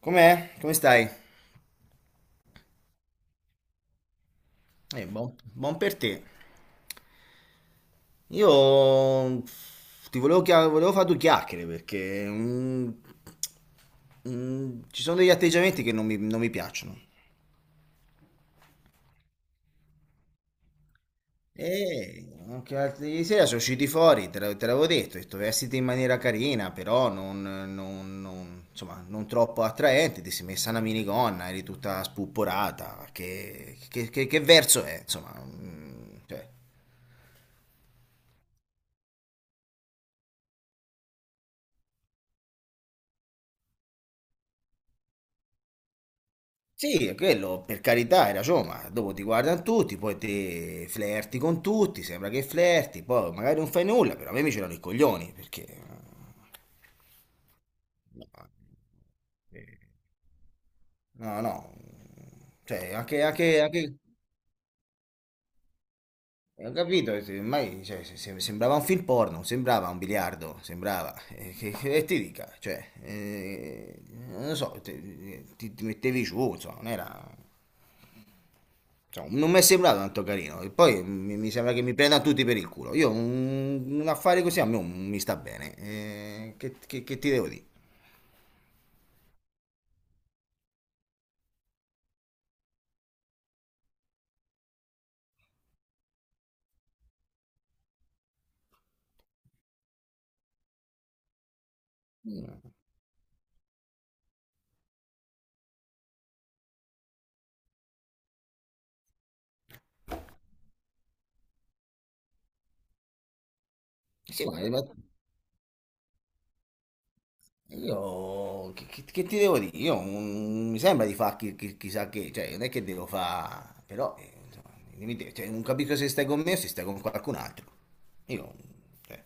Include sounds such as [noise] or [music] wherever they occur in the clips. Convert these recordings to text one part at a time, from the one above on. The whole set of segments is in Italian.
Com'è? Come stai? Buon, buon per te. Io ti volevo, volevo fare due chiacchiere perché ci sono degli atteggiamenti che non mi piacciono. E anche l'altro ieri sera sono usciti fuori, te l'avevo detto, ho detto vestiti in maniera carina, però insomma, non troppo attraente, ti sei messa una minigonna, eri tutta spupporata, che verso è? Insomma, cioè. Sì, è quello, per carità, hai ragione, ma dopo ti guardano tutti, poi te flerti con tutti, sembra che flerti, poi magari non fai nulla, però a me mi c'erano i coglioni, perché... eh, no, no, cioè anche... anche... Ho capito, ormai cioè, sembrava un film porno, sembrava un biliardo, sembrava, che e ti dica, cioè, non lo so, ti mettevi giù, insomma, non era... Cioè, non mi è sembrato tanto carino. E poi mi sembra che mi prenda tutti per il culo. Io un affare così a me non mi sta bene. Che ti devo dire? Sì, ma io che ti devo dire? Io mi sembra di fare chissà che, cioè, non è che devo fare, però insomma, dimmi te, cioè, non capisco se stai con me o se stai con qualcun altro. Io, cioè,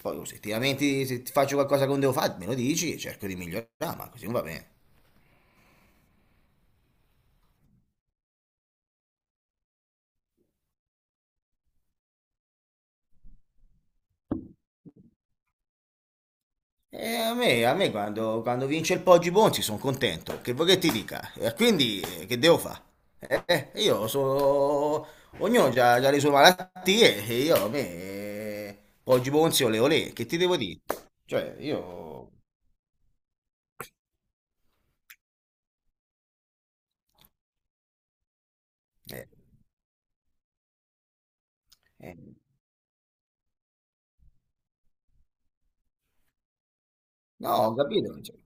poi se ti lamenti, se ti faccio qualcosa che non devo fare, me lo dici e cerco di migliorare, ma così non va bene. E a me quando, quando vince il Poggi Bonzi sono contento, che vuoi che ti dica? E quindi che devo fare? Io sono... Ognuno ha le sue malattie e io a me... Poggi Bonzi ole olè, che ti devo dire? Cioè io... eh, eh, no, ho capito. Cioè,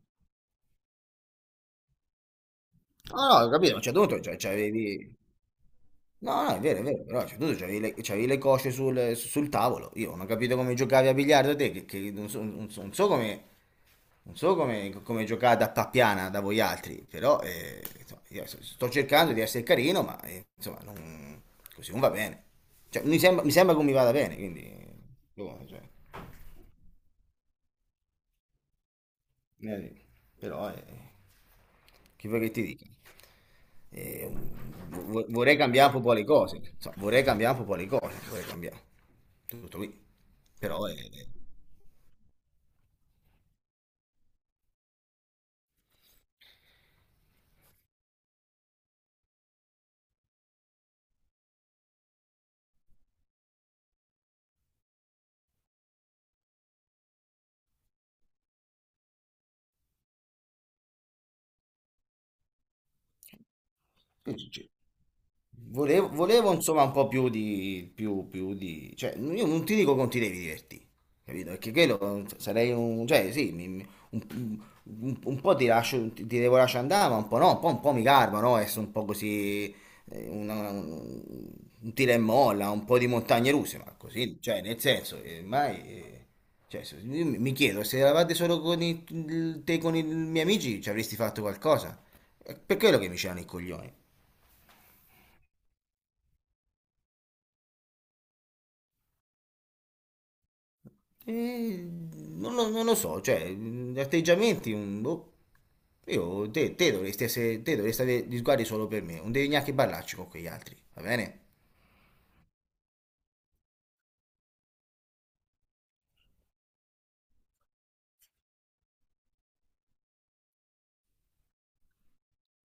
no, no, ho capito, cioè tu cioè, c'avevi... No, no, è vero, però cioè, tu c'avevi le cosce sul tavolo. Io non ho capito come giocavi a biliardo te, che non so, non so come... non so come, come giocare da pappiana da voi altri, però insomma, io so, sto cercando di essere carino, ma insomma, così non va bene. Cioè, mi sembra che mi vada bene, quindi... boh, cioè, eh, però, che vuoi che ti dica? Eh, vorrei cambiare un po' le cose, insomma, vorrei cambiare un po' le cose, vorrei cambiare tutto qui, però... cioè, volevo, volevo, insomma un po' più di, più di, cioè io non ti dico che non ti devi divertire, capito? Perché quello sarei un, cioè sì, un, un po' ti lascio, ti devo lasciare andare, ma un po' no, un po' mi garba, no? Essere un po' così, eh, una- un, un tira e molla, un po' di montagne russe, ma così, cioè nel senso, mai, cioè, io mi chiedo, se eravate solo con i, te con i miei amici ci avresti fatto qualcosa? È per quello che mi c'erano i coglioni. Eh, non lo so, cioè, atteggiamenti, boh, io, te dovresti essere, te dovresti avere gli sguardi solo per me, non devi neanche parlarci con quegli altri, va bene?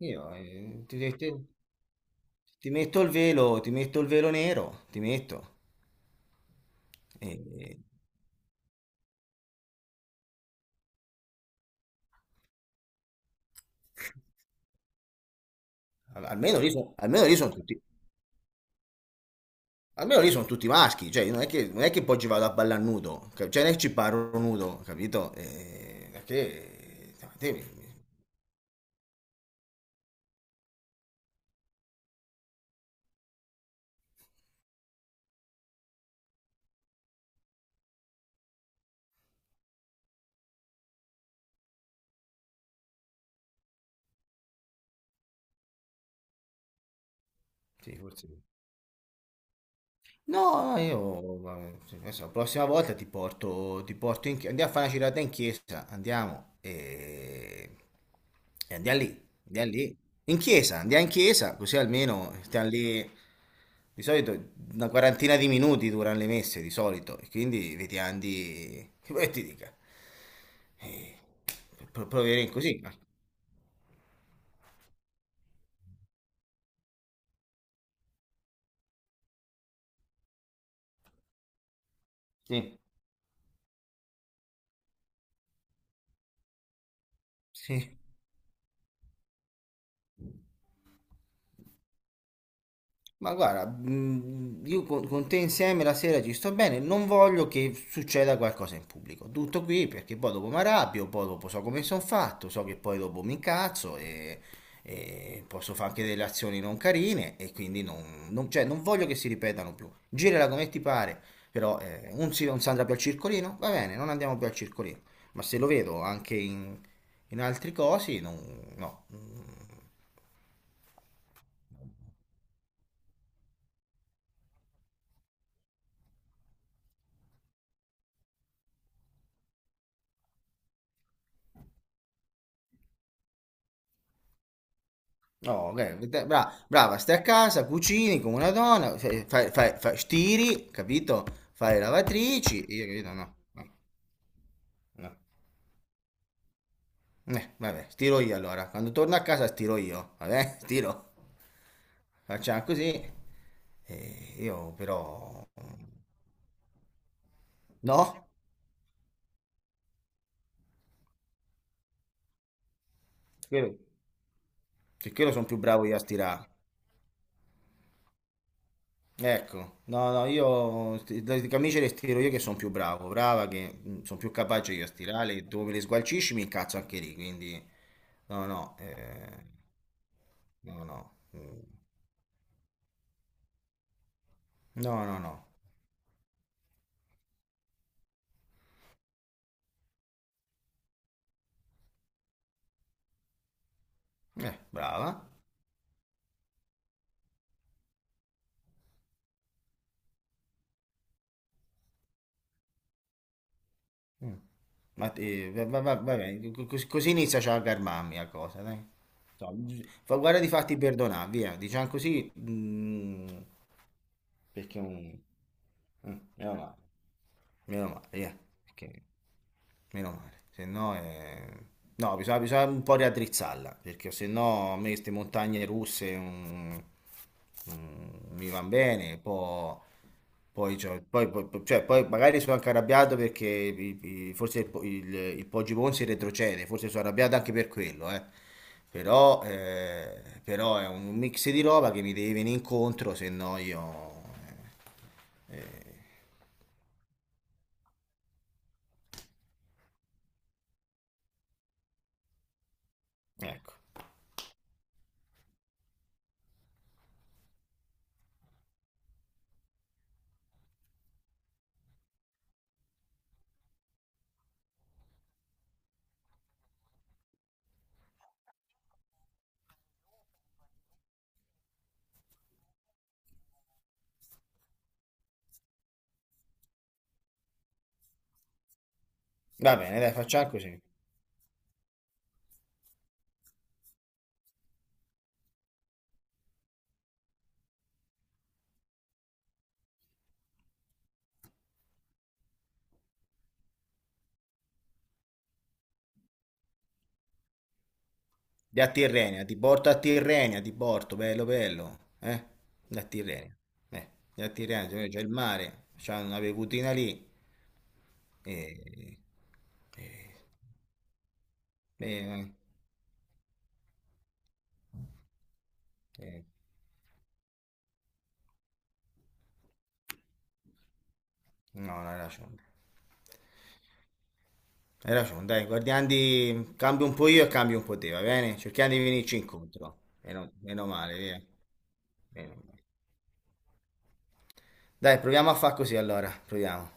Io ti metto il velo, ti metto il velo nero, ti metto, e- almeno lì, sono almeno lì sono tutti maschi, cioè, non è che poi ci vado a ballare nudo, cioè, non è che ci parlo nudo, capito? Perché, sì, forse. No, no, io, ma, sì, adesso, la prossima volta ti porto in chiesa, andiamo a fare una girata in chiesa, andiamo e andiamo lì, in chiesa, andiamo in chiesa, così almeno stiamo lì, di solito una quarantina di minuti durano le messe, di solito, e quindi vediamo di, che vuoi che ti dica, eh, provare in così, sì, sì. Ma guarda, io con te insieme la sera ci sto bene, non voglio che succeda qualcosa in pubblico. Tutto qui, perché poi dopo mi arrabbio, poi dopo so come sono fatto, so che poi dopo mi incazzo e posso fare anche delle azioni non carine e quindi cioè, non voglio che si ripetano più. Girala come ti pare, però non si andrà più al circolino, va bene, non andiamo più al circolino. Ma se lo vedo anche in altri cosi, no. Oh, ok, brava, stai a casa, cucini come una donna, stiri, capito? Fai le lavatrici, io capito, no, no, no. Vabbè, stiro io allora, quando torno a casa stiro io, vabbè, [laughs] stiro, facciamo così. Io però, no, quello, che quello sono più bravo io a stirare. Ecco, no, no, le camicie le stiro io che sono più bravo, brava, che sono più capace io a stirare, tu me le sgualcisci mi incazzo anche lì, quindi no, no, no, no, mm, no, no, no, brava. Mm. Ma va, va bene, così inizia già a calmarmi la cosa, dai. No, guarda di farti perdonare, via, diciamo così, perché è un... mm, meno male, meno male, via, perché... Meno male, se no è... No, bisogna un po' riaddrizzarla, perché se no a me queste montagne russe mi van bene, poi, cioè, poi magari sono anche arrabbiato perché forse il Poggi Ponzi retrocede, forse sono arrabbiato anche per quello, eh. Però, però è un mix di roba che mi deve venire incontro, se no io... eh, ecco, va bene, dai, facciamo così. Di a Tirrenia, ti porto a Tirrenia, ti porto, bello bello, eh? Di a Tirrenia, di a Tirrenia, cioè c'è il mare, c'è una bevutina lì, e... e- e- e- no, non hai ragione, hai ragione, dai, guardiamo di... cambio un po' io e cambio un po' te, va bene? Cerchiamo di venirci incontro, meno male, via. Meno male. Dai, proviamo a far così allora, proviamo.